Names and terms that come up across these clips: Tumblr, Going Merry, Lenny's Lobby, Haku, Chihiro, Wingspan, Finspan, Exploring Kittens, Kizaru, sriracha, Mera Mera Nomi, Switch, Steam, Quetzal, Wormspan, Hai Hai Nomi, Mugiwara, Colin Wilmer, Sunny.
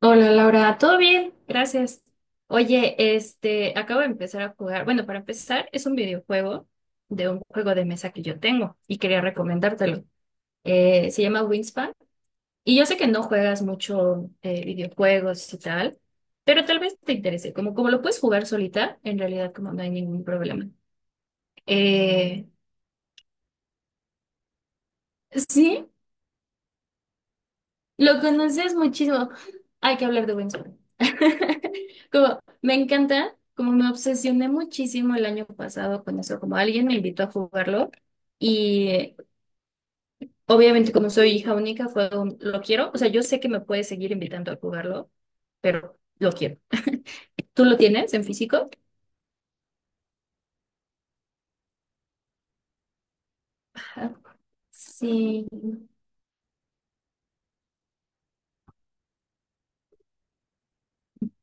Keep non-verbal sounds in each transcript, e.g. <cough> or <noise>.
Hola Laura, ¿todo bien? Gracias. Oye, acabo de empezar a jugar. Bueno, para empezar, es un videojuego de un juego de mesa que yo tengo y quería recomendártelo. Se llama Wingspan y yo sé que no juegas mucho videojuegos y tal, pero tal vez te interese. Como, como lo puedes jugar solita, en realidad como no hay ningún problema. Eh, sí, lo conoces muchísimo. Hay que hablar de Wings. <laughs> Como, me encanta, como me obsesioné muchísimo el año pasado con eso, como alguien me invitó a jugarlo y obviamente como soy hija única fue un, lo quiero, o sea, yo sé que me puedes seguir invitando a jugarlo, pero lo quiero. ¿Tú lo tienes en físico? Ajá. Sí.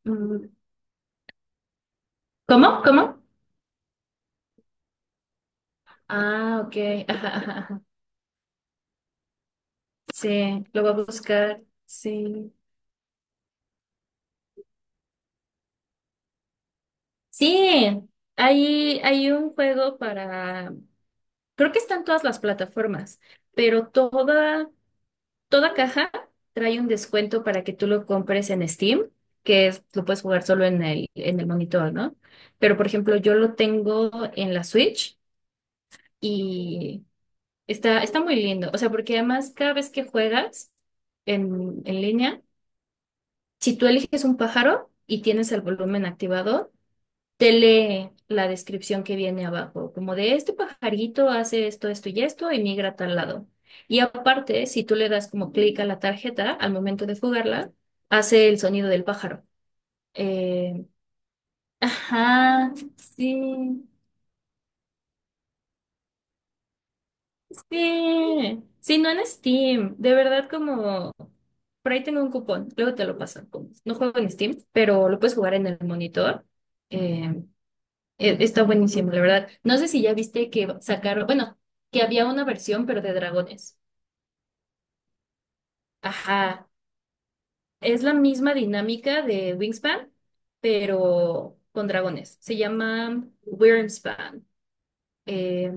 Mm. ¿Cómo? ¿Cómo? Ah, ok. Ajá, ajá, ajá. Sí, lo voy a buscar. Sí. Sí, hay un juego para, creo que están todas las plataformas, pero toda caja trae un descuento para que tú lo compres en Steam, que es, lo puedes jugar solo en en el monitor, ¿no? Pero, por ejemplo, yo lo tengo en la Switch y está muy lindo. O sea, porque además cada vez que juegas en línea, si tú eliges un pájaro y tienes el volumen activado, te lee la descripción que viene abajo, como de este pajarito hace esto, esto y esto y migra a tal lado. Y aparte, si tú le das como clic a la tarjeta al momento de jugarla, hace el sonido del pájaro. Eh, ajá, sí, sí, sí, no en Steam, de verdad como... Por ahí tengo un cupón, luego te lo paso. No juego en Steam, pero lo puedes jugar en el monitor. Eh, Está buenísimo, la verdad. No sé si ya viste que sacaron, bueno, que había una versión, pero de dragones. Ajá. Es la misma dinámica de Wingspan, pero con dragones. Se llama Wormspan. Eh,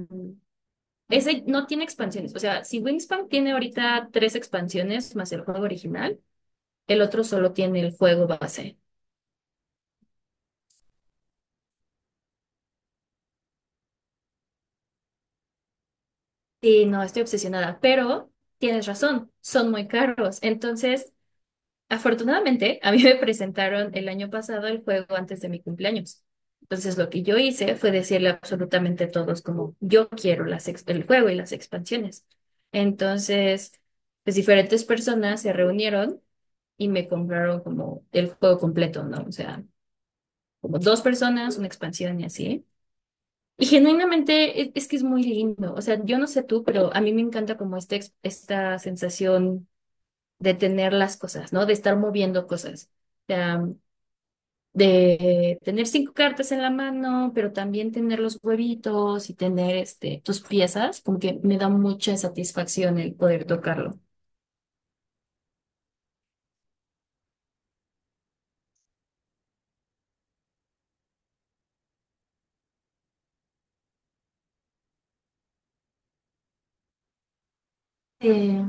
Ese no tiene expansiones. O sea, si Wingspan tiene ahorita 3 expansiones más el juego original, el otro solo tiene el juego base. Sí, no, estoy obsesionada, pero tienes razón, son muy caros. Entonces, afortunadamente, a mí me presentaron el año pasado el juego antes de mi cumpleaños. Entonces, lo que yo hice fue decirle absolutamente a todos como yo quiero las el juego y las expansiones. Entonces, pues diferentes personas se reunieron y me compraron como el juego completo, ¿no? O sea, como dos personas, una expansión y así. Y genuinamente es, que es muy lindo. O sea, yo no sé tú, pero a mí me encanta como esta sensación de tener las cosas, ¿no? De estar moviendo cosas. O sea, de tener 5 cartas en la mano, pero también tener los huevitos y tener tus piezas, como que me da mucha satisfacción el poder tocarlo. Eh,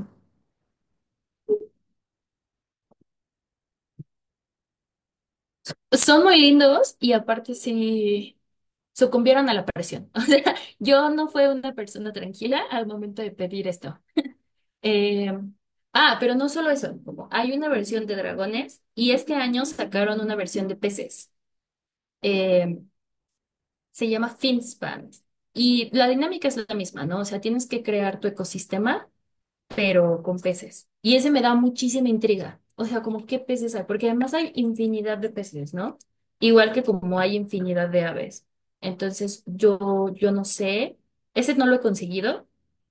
Son muy lindos y aparte sí sucumbieron a la presión. <laughs> O sea, yo no fui una persona tranquila al momento de pedir esto. Eh, pero no solo eso, como hay una versión de dragones y este año sacaron una versión de peces. Eh, Se llama Finspan. Y la dinámica es la misma, ¿no? O sea, tienes que crear tu ecosistema, pero con peces. Y ese me da muchísima intriga. O sea, como qué peces hay, porque además hay infinidad de peces, ¿no? Igual que como hay infinidad de aves. Entonces, yo no sé, ese no lo he conseguido,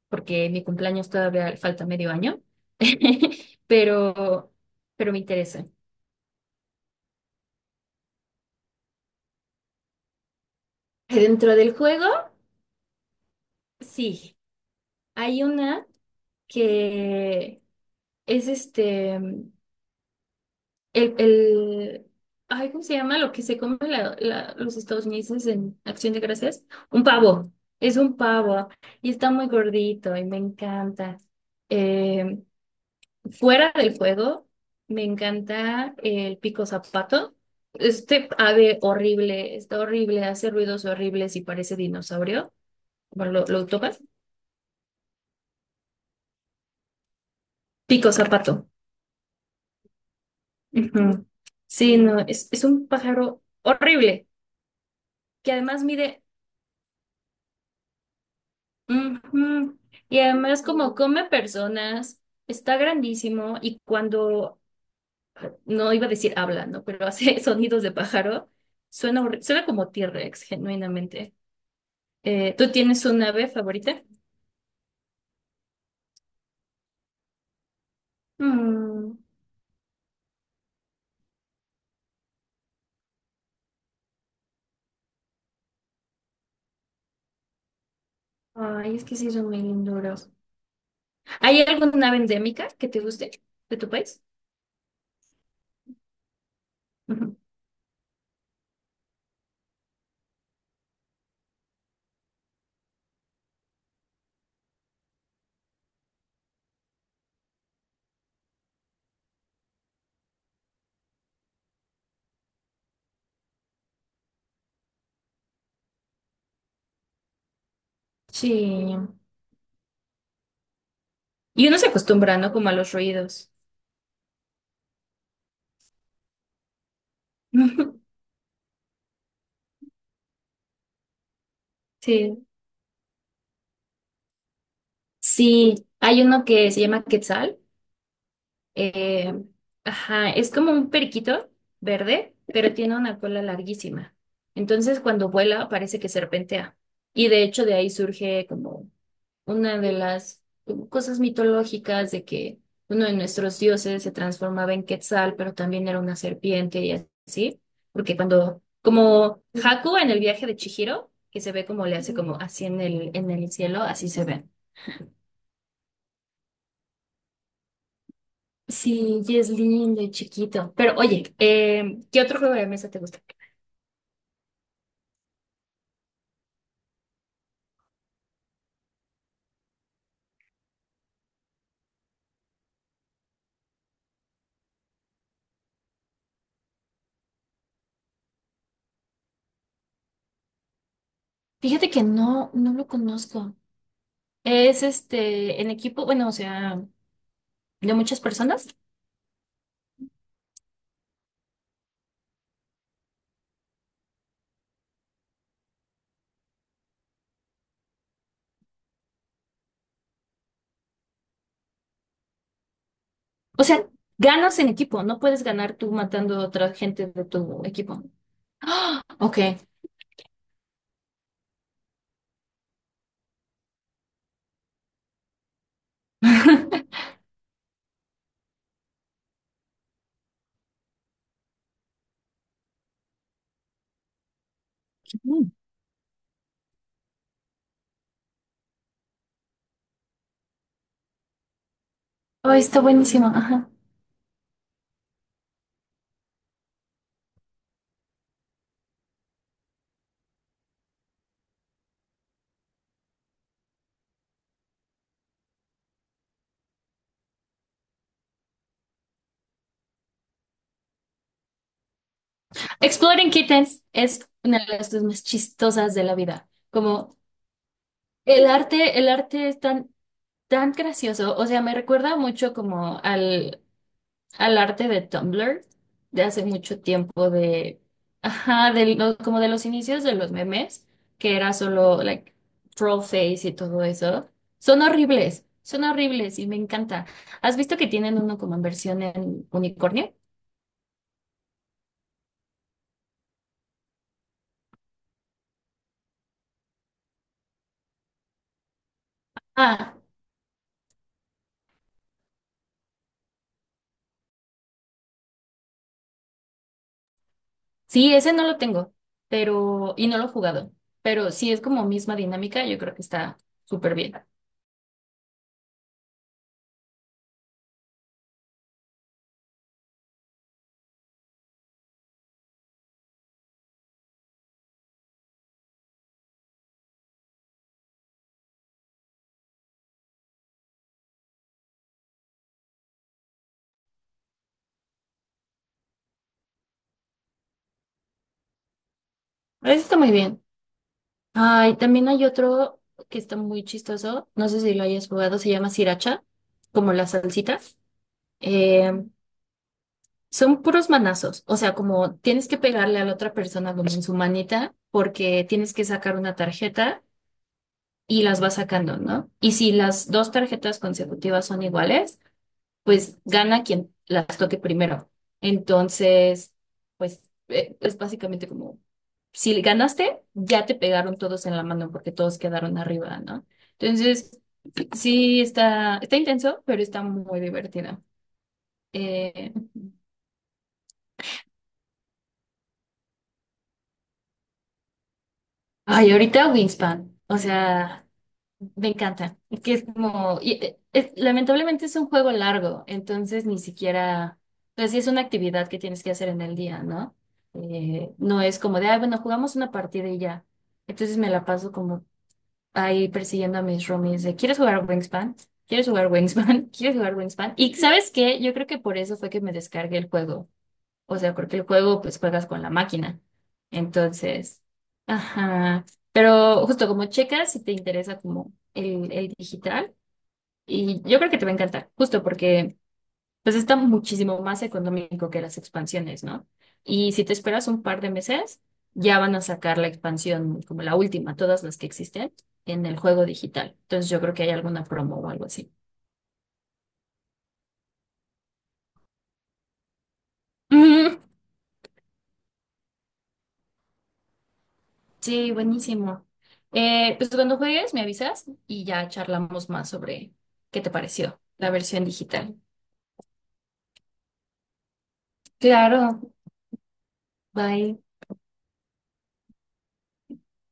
porque mi cumpleaños todavía falta medio año, <laughs> pero, pero me interesa. Dentro del juego, sí, hay una que es el, el, ay, ¿cómo se llama? Lo que se come los estadounidenses en Acción de Gracias. Un pavo, es un pavo y está muy gordito y me encanta. Eh, Fuera del juego, me encanta el pico zapato. Este ave horrible, está horrible, hace ruidos horribles y parece dinosaurio. Bueno, lo tocas? Pico zapato. Ujú. Sí, no, es un pájaro horrible que además mide. Ujú. Y además como come personas, está grandísimo y cuando, no iba a decir habla, ¿no? Pero hace <laughs> sonidos de pájaro, suena como T-Rex, genuinamente. ¿Tú tienes un ave favorita? Mm. Ay, es que sí son muy linduros. ¿Hay alguna ave endémica que te guste de tu país? Ujú. Sí. Y uno se acostumbra, ¿no? Como a los ruidos. <laughs> Sí. Sí, hay uno que se llama Quetzal. Eh, ajá, es como un periquito verde, pero tiene una cola larguísima. Entonces, cuando vuela, parece que serpentea. Y de hecho, de ahí surge como una de las cosas mitológicas de que uno de nuestros dioses se transformaba en Quetzal, pero también era una serpiente y así. Porque cuando, como Haku en el viaje de Chihiro, que se ve como le hace como así en en el cielo, así se ve. Sí, y es lindo y chiquito. Pero oye, ¿qué otro juego de mesa te gusta? Fíjate que no lo conozco. Es en equipo, bueno, o sea, de muchas personas. O sea, ganas en equipo, no puedes ganar tú matando a otra gente de tu equipo. ¡Ah! Ok. <laughs> Mm. Oh, está buenísimo. Ajá. Exploring Kittens es una de las cosas más chistosas de la vida. Como el arte es tan gracioso. O sea, me recuerda mucho como al arte de Tumblr de hace mucho tiempo de, ajá, de como de los inicios de los memes, que era solo like troll face y todo eso. Son horribles y me encanta. ¿Has visto que tienen uno como en versión en unicornio? Ah, sí, ese no lo tengo, pero no lo he jugado, pero sí es como misma dinámica, yo creo que está súper bien. Eso está muy bien. Ay, también hay otro que está muy chistoso, no sé si lo hayas jugado, se llama sriracha, como la salsita. Eh, Son puros manazos, o sea, como tienes que pegarle a la otra persona como en su manita, porque tienes que sacar una tarjeta y las vas sacando, ¿no? Y si las dos tarjetas consecutivas son iguales, pues gana quien las toque primero. Entonces, pues es básicamente como, si ganaste, ya te pegaron todos en la mano porque todos quedaron arriba, ¿no? Entonces, sí, está intenso, pero está muy divertido. Eh, Ay, ahorita Wingspan, o sea... Me encanta. Es que es como, lamentablemente es un juego largo, entonces ni siquiera, pues sí es una actividad que tienes que hacer en el día, ¿no? No es como de, ah, bueno, jugamos una partida y ya. Entonces me la paso como ahí persiguiendo a mis roomies de, ¿quieres jugar Wingspan? ¿Quieres jugar Wingspan? <laughs> ¿Quieres jugar Wingspan? Y ¿sabes qué? Yo creo que por eso fue que me descargué el juego. O sea, porque el juego, pues juegas con la máquina. Entonces, ajá. Pero justo como checas, si te interesa como el digital, y yo creo que te va a encantar, justo porque pues está muchísimo más económico que las expansiones, ¿no? Y si te esperas un par de meses, ya van a sacar la expansión como la última, todas las que existen en el juego digital. Entonces yo creo que hay alguna promo o algo así. <laughs> Sí, buenísimo. Pues cuando juegues me avisas y ya charlamos más sobre qué te pareció la versión digital. Claro, bye.